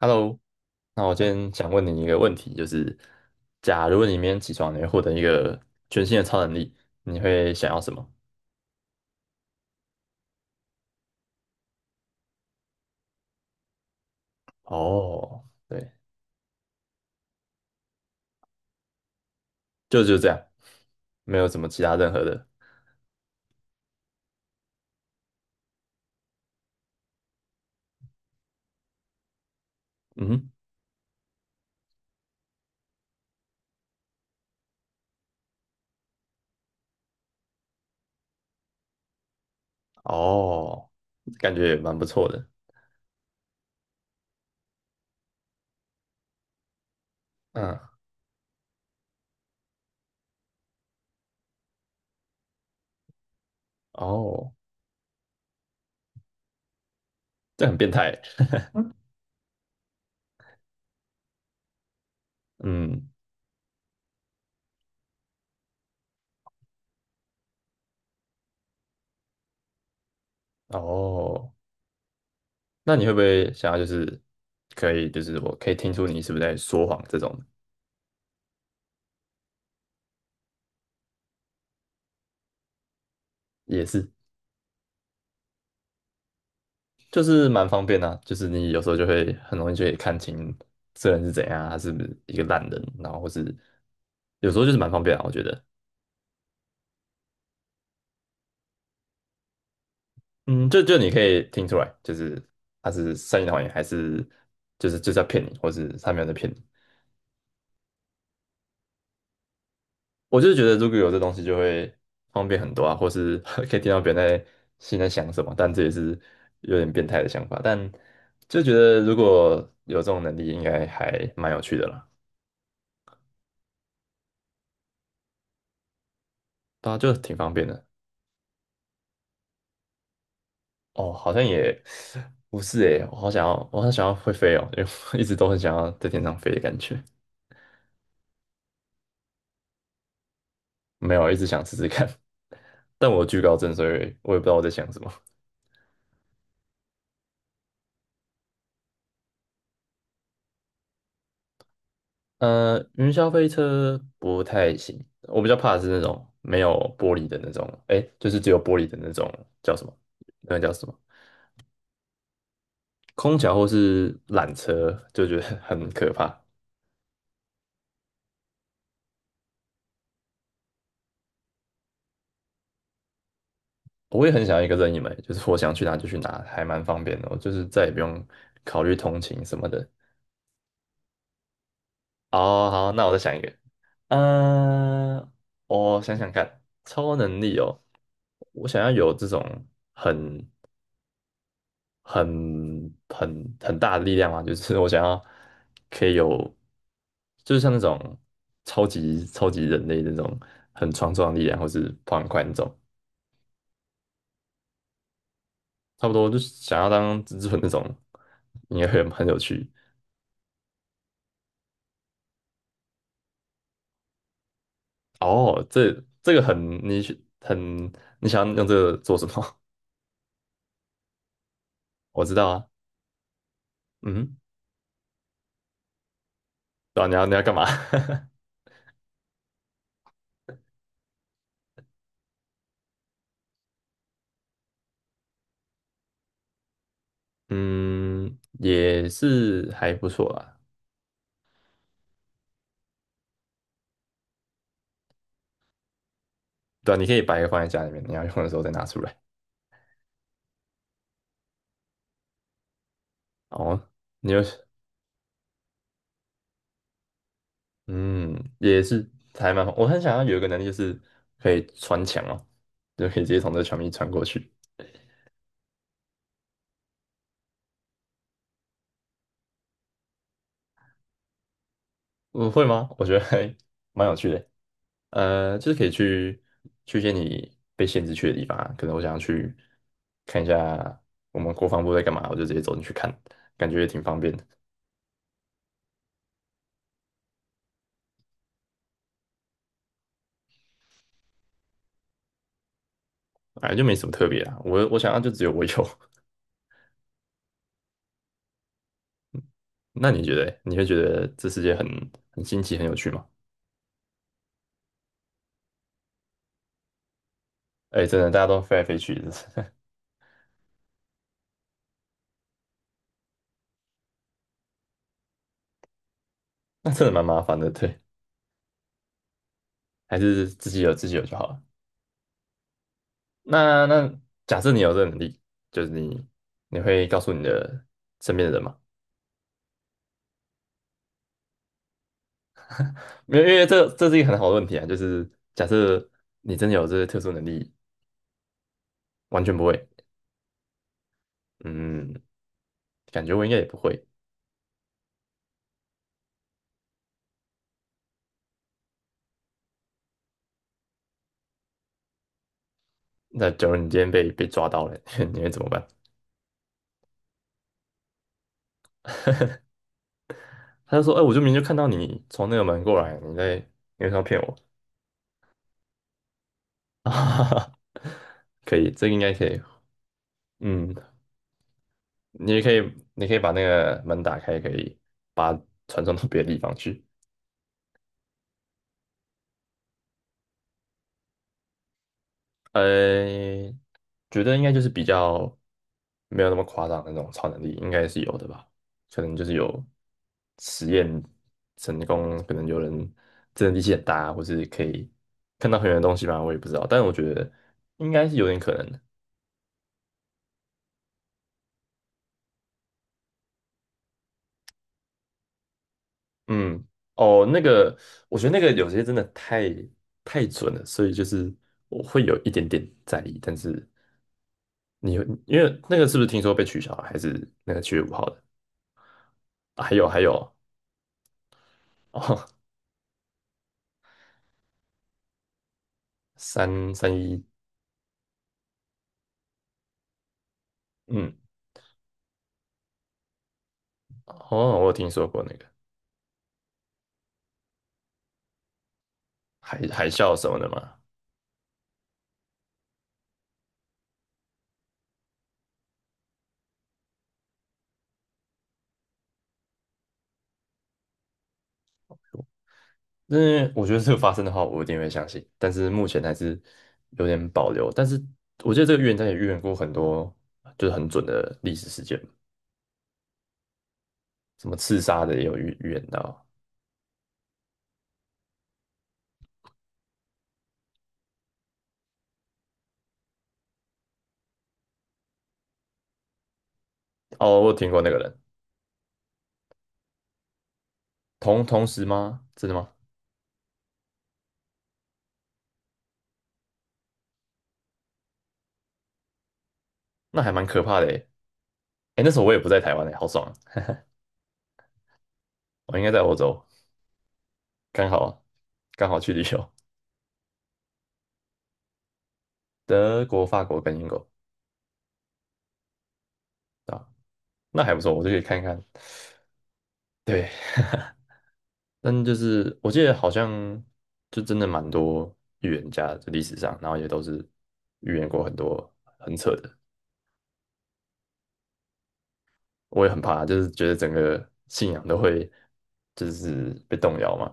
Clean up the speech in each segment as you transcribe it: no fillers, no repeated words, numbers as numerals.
Hello，那我今天想问你一个问题，就是假如你明天起床，你会获得一个全新的超能力，你会想要什么？哦，对，就这样，没有什么其他任何的。嗯哼。哦，感觉也蛮不错的。嗯。哦，这很变态欸。嗯。哦，那你会不会想要就是可以就是我可以听出你是不是在说谎这种？也是，就是蛮方便的啊，就是你有时候就会很容易就可以看清这人是怎样啊，他是不是一个烂人，然后或是有时候就是蛮方便啊，我觉得。嗯，就你可以听出来，就是他是善意的谎言，还是就是要骗你，或是他没有在骗你。我就是觉得如果有这东西就会方便很多啊，或是 可以听到别人在心里在想什么，但这也是有点变态的想法，但就觉得如果有这种能力，应该还蛮有趣的啦。对啊，就挺方便的。哦，好像也不是诶，我好想要，会飞哦，因为我一直都很想要在天上飞的感觉。没有，一直想试试看，但我有惧高症，所以我也不知道我在想什么。云霄飞车不太行，我比较怕的是那种没有玻璃的那种，诶，就是只有玻璃的那种叫什么？那个叫什么？空桥或是缆车，就觉得很可怕。我也很想要一个任意门，就是我想去哪就去哪，还蛮方便的。我就是再也不用考虑通勤什么的。哦，好，那我再想一个。呃，我想想看，超能力哦，我想要有这种很、很大的力量啊，就是我想要可以有，就是像那种超级超级人类那种很强壮的力量，或是跑很快那种。差不多就是想要当蜘蛛人那种，应该会很有趣。哦，这个很你很你想要用这个做什么？我知道啊。嗯。对啊，你要干嘛？嗯，也是还不错啦。对啊，你可以把一个放在家里面，你要用的时候再拿出来。哦，你有，嗯，也是还蛮好。我很想要有一个能力，就是可以穿墙哦，就可以直接从这墙壁穿过去。我会吗？我觉得还蛮有趣的。就是可以去一些你被限制去的地方啊，可能我想要去看一下我们国防部在干嘛，我就直接走进去看，感觉也挺方便的。哎，就没什么特别啊。我想要就只有我有。那你觉得欸你会觉得这世界很新奇、很有趣吗？哎，真的，大家都飞来飞去，那真的蛮麻烦的。对，还是自己有就好了。那假设你有这个能力，就是你会告诉你的身边的人吗？没有，因为这是一个很好的问题啊。就是假设你真的有这些特殊能力，完全不会。嗯，感觉我应该也不会。那假如你今天被抓到了，你会怎么办？他就说："哎、我就明明就看到你从那个门过来，你为什么要骗我？" 哈哈，可以，这个应该可以。嗯，你也可以，你可以把那个门打开，可以把它传送到别的地方去。呃，觉得应该就是比较没有那么夸张的那种超能力，应该是有的吧？可能就是有实验成功，可能有人真的力气很大，或是可以看到很远的东西吧，我也不知道。但我觉得应该是有点可能的。嗯。哦，那个，我觉得那个有些真的太准了，所以就是我会有一点点在意。但是你会因为那个是不是听说被取消了，还是那个7月5号的？啊，还有还有331。嗯。哦，我有听说过那个海啸什么的嘛。那我觉得这个发生的话，我一定会相信，但是目前还是有点保留，但是我觉得这个预言家也预言过很多，就是很准的历史事件，什么刺杀的也有预言到。哦，我有听过那个人。同时吗？真的吗？那还蛮可怕的欸诶。哎，那时候我也不在台湾诶，好爽啊！我应该在欧洲，刚好啊，刚好去旅游，德国、法国跟英国啊，那还不错，我就可以看看。对，但就是我记得好像就真的蛮多预言家的历史上，然后也都是预言过很多很扯的。我也很怕，就是觉得整个信仰都会就是被动摇嘛。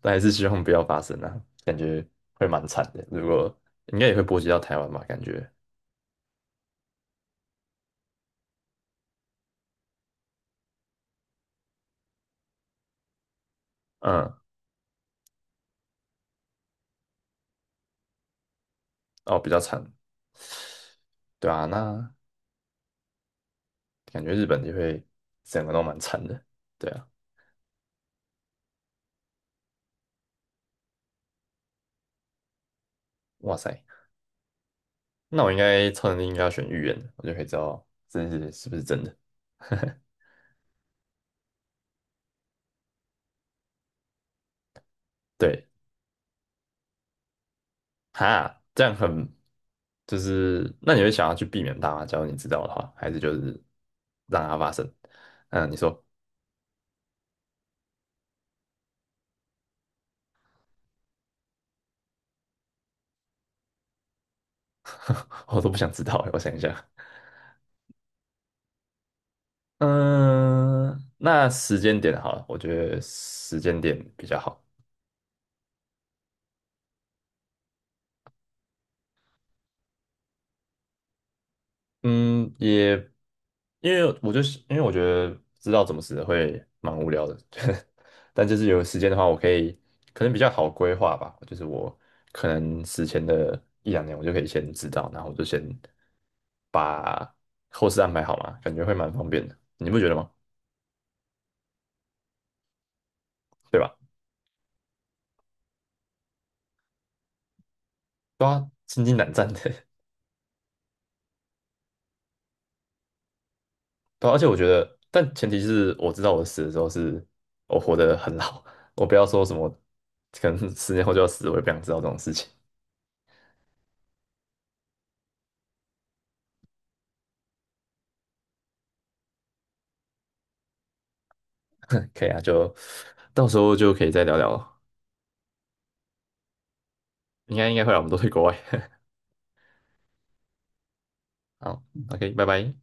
但还是希望不要发生啊，感觉会蛮惨的。如果应该也会波及到台湾吧，感觉，嗯。哦，比较惨。对啊，那感觉日本就会整个都蛮惨的。对啊。哇塞，那我应该超能力应该要选预言的，我就可以知道这是不是真的。对。哈，这样很就是，那你会想要去避免它吗？假如你知道的话，还是就是让它发生？嗯，你说。我都不想知道欸，我想一下。嗯，那时间点好了，我觉得时间点比较好。嗯，也因为我觉得知道怎么死会蛮无聊的，但就是有时间的话，我可能比较好规划吧。就是我可能死前的一两年，我就可以先知道，然后我就先把后事安排好嘛，感觉会蛮方便的。你不觉得吗？对吧？都要心惊胆战的。对啊，而且我觉得，但前提是我知道我死的时候是我活得很老，我不要说什么可能10年后就要死，我也不想知道这种事情。可以啊，就到时候就可以再聊聊了，应该会啊，我们都去国外。好，OK，拜拜。